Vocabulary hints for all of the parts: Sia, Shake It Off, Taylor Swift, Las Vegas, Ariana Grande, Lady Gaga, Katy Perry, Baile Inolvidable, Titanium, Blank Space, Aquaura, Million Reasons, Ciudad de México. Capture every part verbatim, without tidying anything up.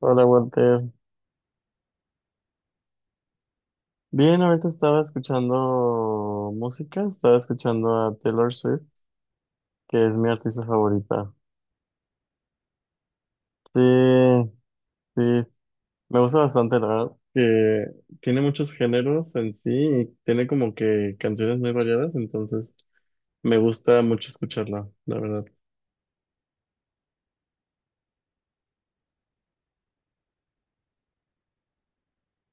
Hola Walter. Bien, ahorita estaba escuchando música, estaba escuchando a Taylor Swift, que es mi artista favorita. Sí, sí, me gusta bastante, la verdad, que tiene muchos géneros en sí y tiene como que canciones muy variadas, entonces me gusta mucho escucharla, la verdad.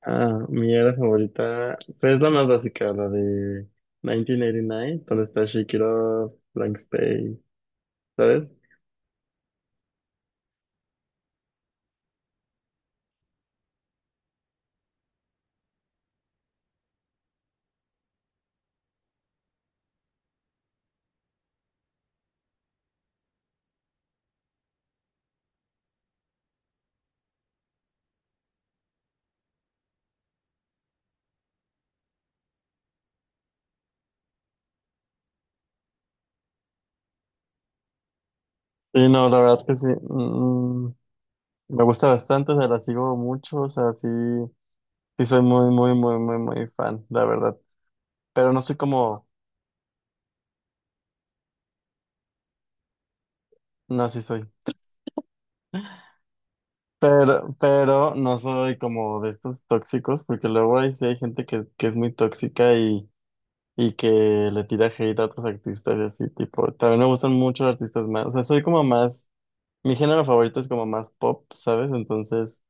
Ah, mi era favorita, pues es la más básica, la de mil novecientos ochenta y nueve, donde está Shake It Off, Blank Space, ¿sabes? Sí, no, la verdad que sí. Mm, Me gusta bastante, o sea, la sigo mucho, o sea, sí, sí soy muy, muy, muy, muy, muy fan, la verdad. Pero no soy como, no, sí soy. Pero, pero no soy como de estos tóxicos, porque luego hay, sí hay gente que, que es muy tóxica y, y que le tira hate a otros artistas y así, tipo, también me gustan mucho los artistas más, o sea, soy como más, mi género favorito es como más pop, ¿sabes? Entonces,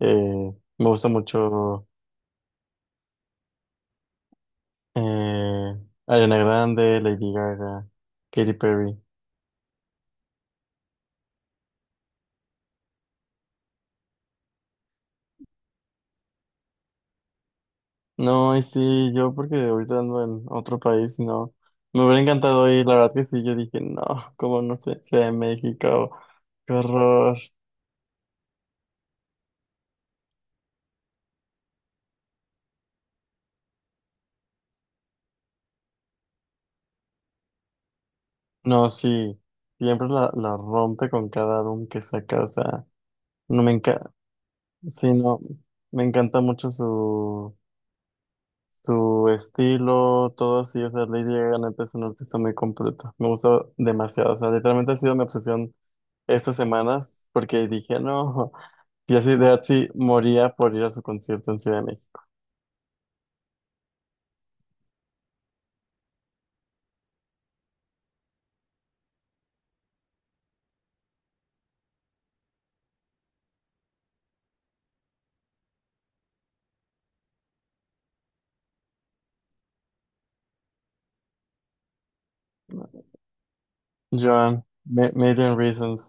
eh, me gusta mucho eh, Ariana Grande, Lady Gaga, Katy Perry. No, y sí, yo porque ahorita ando en otro país, no. Me hubiera encantado ir, la verdad que sí, yo dije, no, como no sé, Ciudad de México, qué horror. No, sí, siempre la, la rompe con cada álbum que saca, o sea, no me encanta, sí, no, me encanta mucho su, su estilo, todo así, o sea, Lady Gaga neta es un artista muy completo, me gusta demasiado, o sea, literalmente ha sido mi obsesión estas semanas, porque dije, no. Y así de así moría por ir a su concierto en Ciudad de México. ¿No? Joan, Ma- Million Reasons.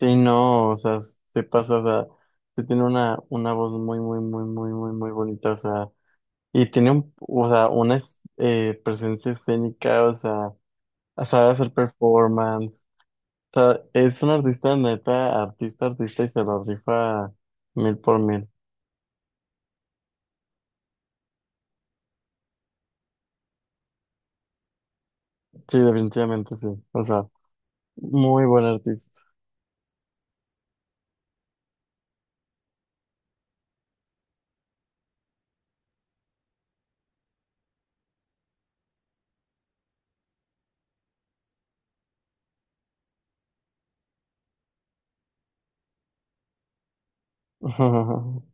Sí, no, o sea, se pasa, o sea, sí tiene una, una, voz muy, muy, muy, muy, muy, muy bonita, o sea, y tiene un, o sea, una es- eh, presencia escénica, o sea, sabe hacer performance, o sea, es un artista neta, artista, artista, y se lo rifa mil por mil. Sí, definitivamente sí, o sea, muy buen artista.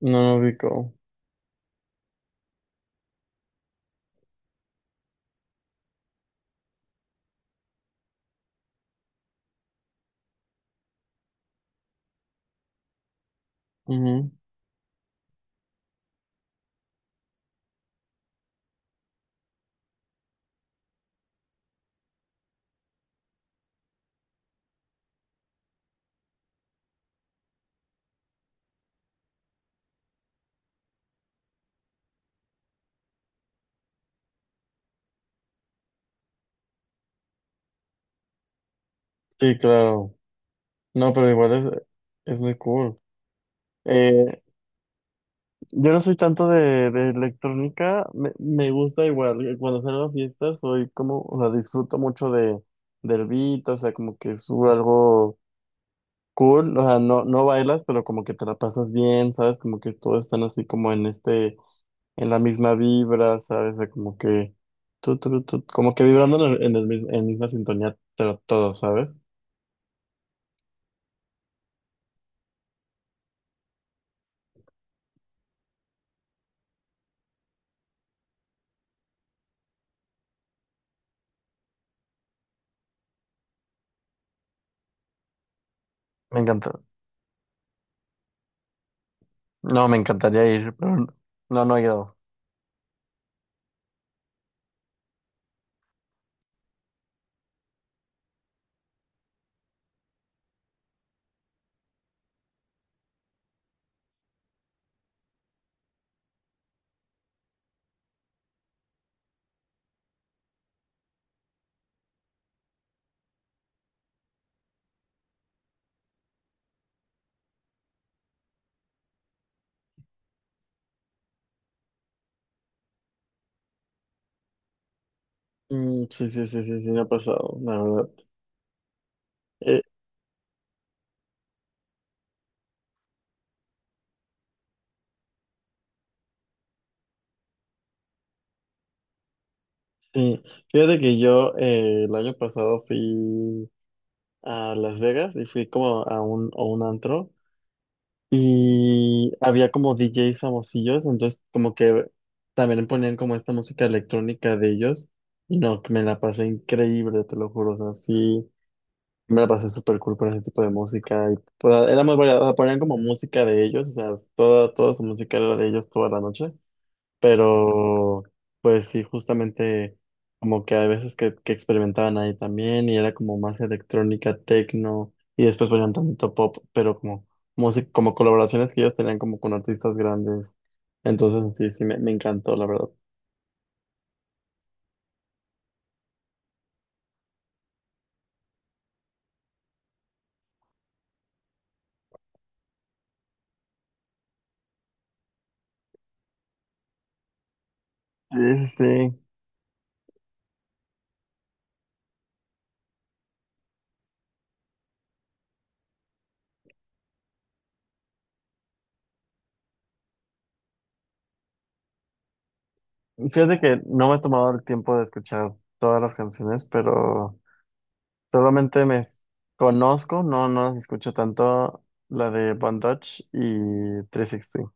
No lo ubico. Sí, claro. No, pero igual es, es, muy cool. Eh, yo no soy tanto de, de, electrónica, me, me gusta igual. eh, Cuando salgo a fiestas soy como, o sea, disfruto mucho de, del beat, o sea, como que subo algo cool, o sea, no, no bailas, pero como que te la pasas bien, ¿sabes? Como que todos están así como en este, en la misma vibra, ¿sabes? O sea, como que, tu, tu, tu, como que vibrando en el, en el mis- en misma sintonía, pero todo, ¿sabes? Me encanta. No, me encantaría ir, pero no, no he ido. Mm, sí, sí, sí, sí, sí, me ha pasado, la verdad. Eh, sí, fíjate que yo eh, el año pasado fui a Las Vegas y fui como a un, a un antro y había como D Js famosillos, entonces como que también ponían como esta música electrónica de ellos y no, que me la pasé increíble, te lo juro, o sea, sí, me la pasé súper cool con ese tipo de música y toda- era muy variada, o sea, ponían como música de ellos, o sea, toda, toda, su música era de ellos toda la noche. Pero, pues sí, justamente como que hay veces que, que experimentaban ahí también y era como más electrónica, techno y después ponían tanto pop, pero como música, como colaboraciones que ellos tenían como con artistas grandes. Entonces sí, sí, me, me, encantó, la verdad. Sí, sí, sí. Fíjate que no me he tomado el tiempo de escuchar todas las canciones, pero solamente me conozco, no, no las escucho tanto, la de Bandage y trescientos sesenta.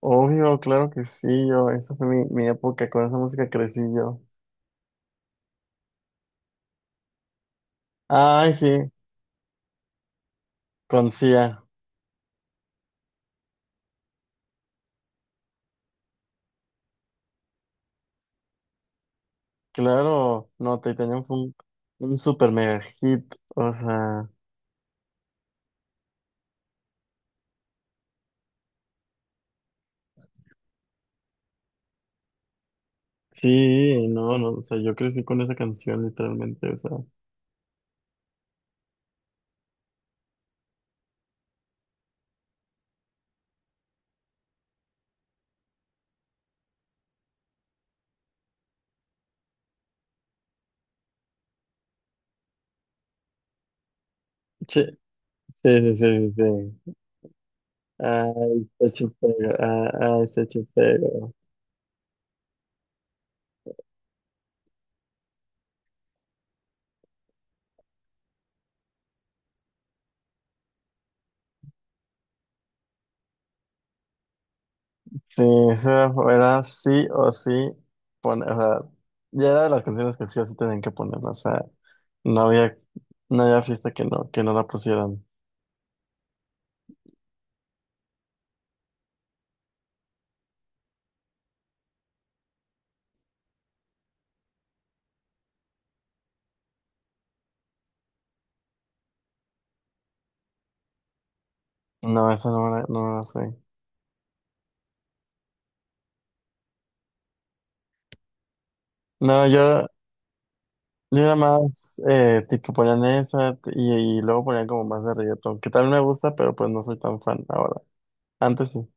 Obvio, claro que sí, yo, esa fue mi, mi, época, con esa música crecí yo. Ay, sí, con Sia, claro, no, Titanium fue un, un super mega hit, o sea, sí, no, no, o sea, yo crecí con esa canción literalmente, o sea, sí, sí, sí, sí, sí, sí. Ay, se chupega, ay, se Sí, eso era sí o sí poner, o sea, ya era de las canciones que sí o sí tenían que poner, o sea, no había, no había fiesta que no, que no la pusieran. No, esa no me la, no me la sé. No, yo, yo, era más, eh, tipo ponían esa y, y luego ponían como más de reggaetón, que tal me gusta, pero pues no soy tan fan ahora. Antes sí.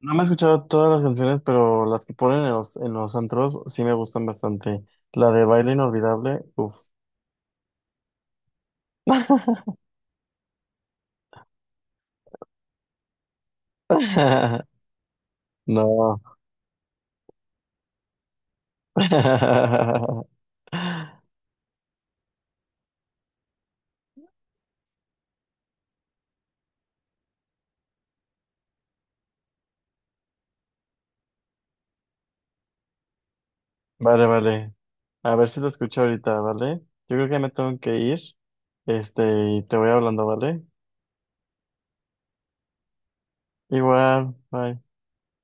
No me he escuchado todas las canciones, pero las que ponen en los, en los, antros sí me gustan bastante. La de Baile Inolvidable, uff. No. Vale, vale. A ver si lo escucho ahorita, ¿vale? Yo creo que me tengo que ir. Este, y te voy hablando, ¿vale? Igual, bye.